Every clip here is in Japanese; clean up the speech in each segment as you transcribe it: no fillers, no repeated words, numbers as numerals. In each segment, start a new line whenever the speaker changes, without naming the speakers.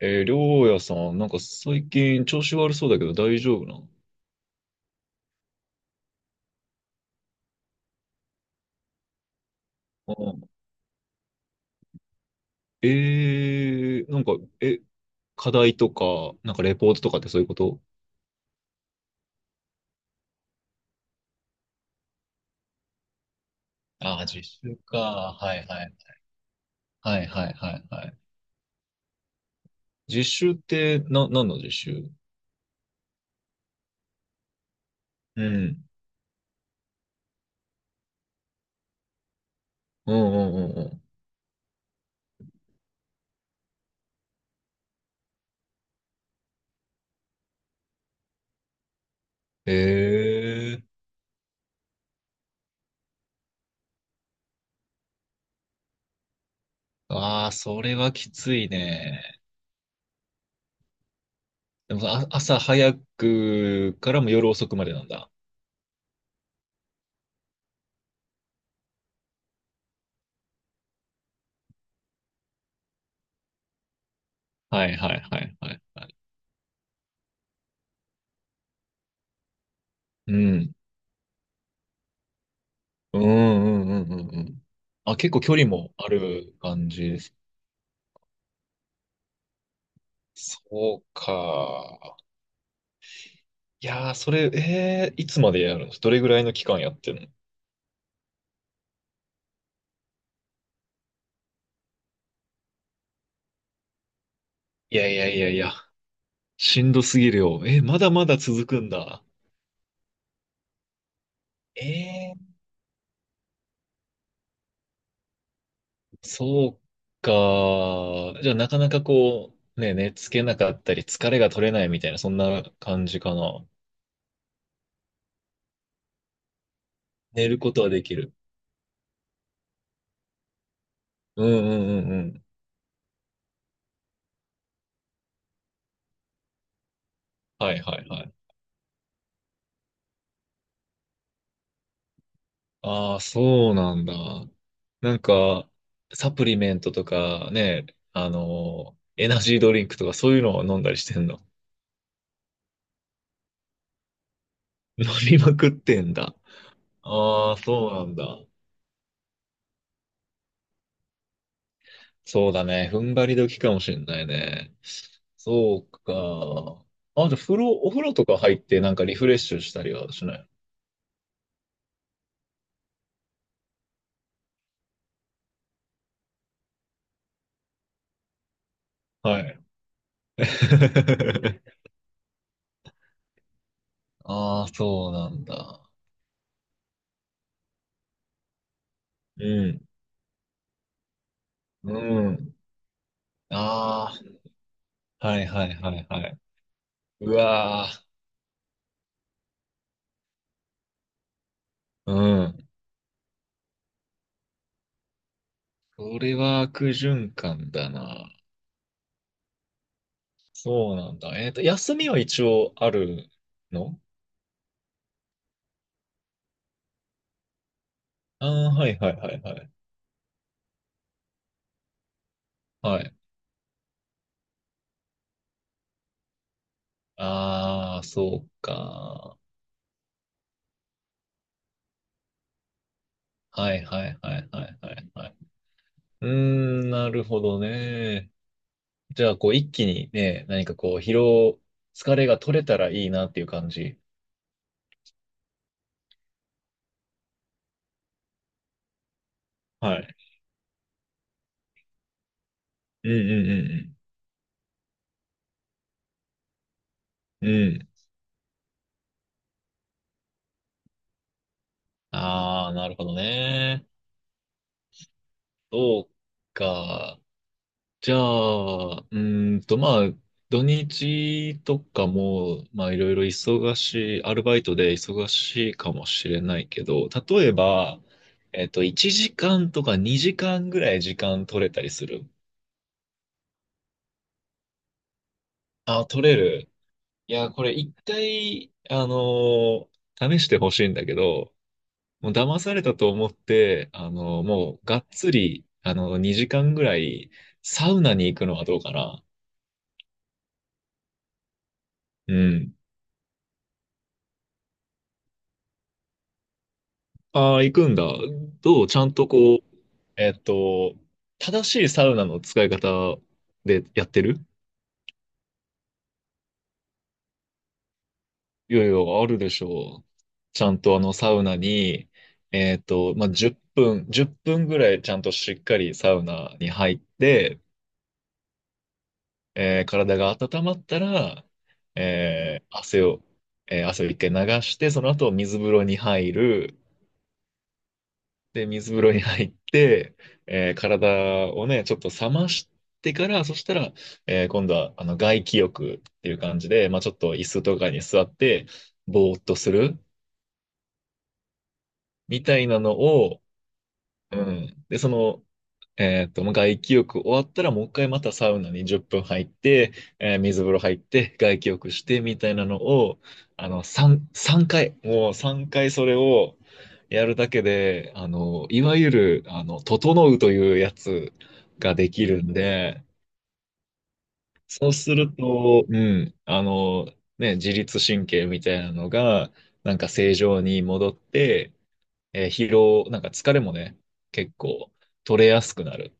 りょうやさん、なんか最近調子悪そうだけど大丈夫なの？うん。なんか、え、課題とか、なんかレポートとかってそういうこと？ああ、実習か。はいはい。はいはいはいはい。実習って、何の実習？うん。うんうんうんうん。ああ、それはきついね。でもあ、朝早くからも夜遅くまでなんだ。はいはいはいはいはい。うん。うんうんうんうんうん。あ、結構距離もある感じです。そうか。いやー、それ、いつまでやるの？どれぐらいの期間やってるの？いやいやいやいや、しんどすぎるよ。まだまだ続くんだ。えー、そうか。じゃあ、なかなかこう、ね、寝つけなかったり、疲れが取れないみたいな、そんな感じかな。寝ることはできる。うんうんうんうん。はいはいはい。ああ、そうなんだ。なんか、サプリメントとかね、あのエナジードリンクとかそういうのを飲んだりしてんの？飲みまくってんだ。ああ、そうなんだ。そうだね。踏ん張り時かもしんないね。そうか。あ、じゃあ、お風呂とか入ってなんかリフレッシュしたりはしない？はい。ああ、そうなんだ。うん。うん。ああ、はいはいはいはい。うわー。うん。それは悪循環だな。そうなんだ。休みは一応あるの？ああー、はいはいはいはい。はい。ああ、そうか。はいはいはいはいはいはい。うーん、なるほどね。じゃあ、こう、一気にね、何かこう、疲れが取れたらいいなっていう感じ。はい。うんうんうんうん。うん。ああ、なるほどね。そうか。じゃあ、まあ、土日とかも、まあ、いろいろ忙しい、アルバイトで忙しいかもしれないけど、例えば、1時間とか2時間ぐらい時間取れたりする？あ、取れる。いや、これ一回、試してほしいんだけど、もう騙されたと思って、もう、がっつり、あの2時間ぐらい、サウナに行くのはどうかな。うん。ああ、行くんだ。ちゃんとこう、えっと、正しいサウナの使い方でやってる？いやいや、あるでしょう。ちゃんとあのサウナに、まあ、10分、1分ぐらいちゃんとしっかりサウナに入って、体が温まったら、えー汗を、汗を一回流して、その後水風呂に入る。で、水風呂に入って、体をね、ちょっと冷ましてから、そしたら、今度は、あの、外気浴っていう感じで、まあ、ちょっと椅子とかに座って、ぼーっとするみたいなのを、うん。で、その、まあ外気浴終わったらもう一回またサウナに10分入って、水風呂入って外気浴してみたいなのを、あの、3回、もう3回それをやるだけで、あの、いわゆる、あの、整うというやつができるんで、そうすると、うん、あの、ね、自律神経みたいなのが、なんか正常に戻って、えー疲労、なんか疲れもね、結構取れやすくなる。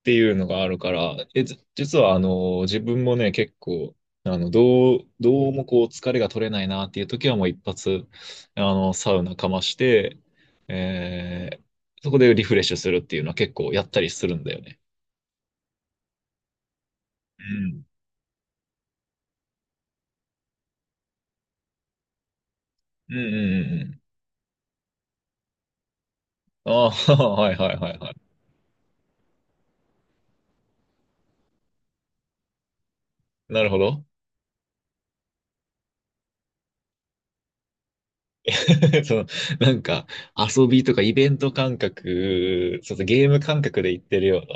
っていうのがあるから、じ実はあの、自分もね、結構、あの、どうもこう、疲れが取れないなっていう時はもう一発、あの、サウナかまして、えーそこでリフレッシュするっていうのは結構やったりするんだよね。うん。うんうんうんうん。ああ、はいはいはいはい。なるほど。そう、なんか遊びとかイベント感覚、そうそう、ゲーム感覚で行ってるよう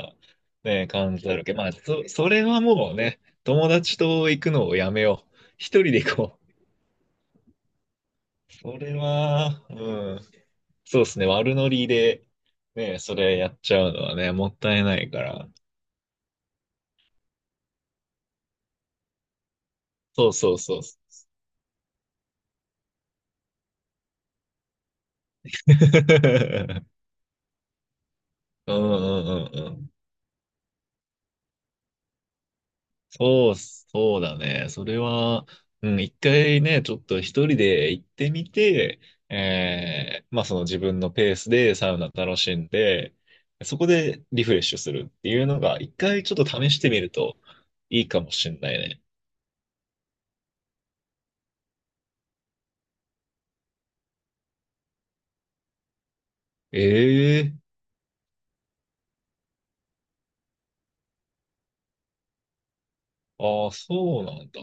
な、ね、感じだろうけど、まあ、それはもうね、友達と行くのをやめよう。一人で行こう。それは、うん、そうですね、悪ノリで、ね、それやっちゃうのはね、もったいないから。そうそうそう。うんうんうんうん。そうっす、そうだね。それは、うん、一回ね、ちょっと一人で行ってみて、まあその自分のペースでサウナ楽しんで、そこでリフレッシュするっていうのが、一回ちょっと試してみるといいかもしんないね。ええ。ああ、そうなんだ。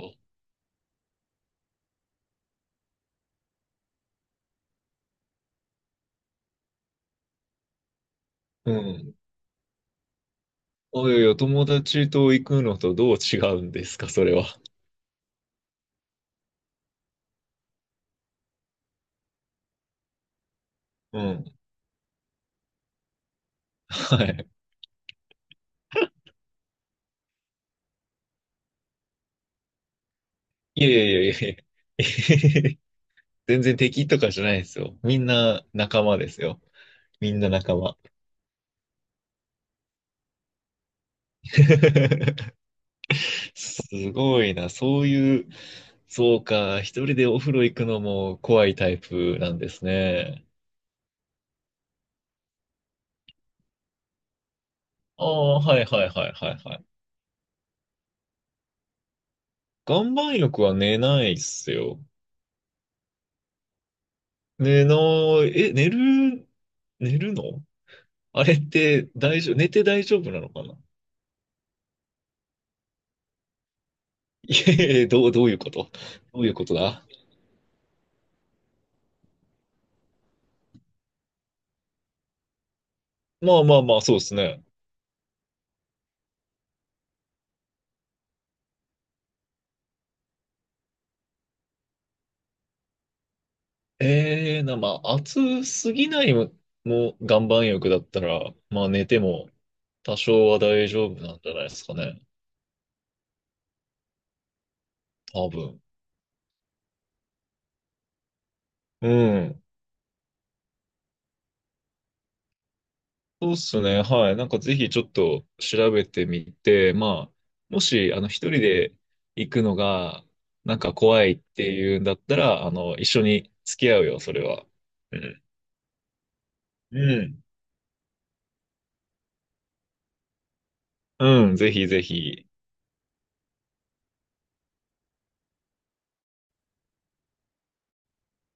うん。おいおいお友達と行くのとどう違うんですか、それは。うん。はい。いやいやいやいや。全然敵とかじゃないですよ。みんな仲間ですよ。みんな仲間。すごいな。そういう、そうか。一人でお風呂行くのも怖いタイプなんですね。ああ、はいはいはいはいはい。岩盤浴は寝ないっすよ。寝ない、寝る、寝るの？あれって大丈夫、寝て大丈夫なのかな？いえいえ、どういうこと？どういうことだ？まあまあまあ、そうですね。ええな、まあ、暑すぎないも、もう岩盤浴だったら、まあ、寝ても多少は大丈夫なんじゃないですかね。多分。うん。そうっすね。はい。なんかぜひちょっと調べてみて、まあ、もし、あの、一人で行くのが、なんか怖いっていうんだったら、あの、一緒に付き合うよ、それは。うん。うん。うん、ぜひぜひ。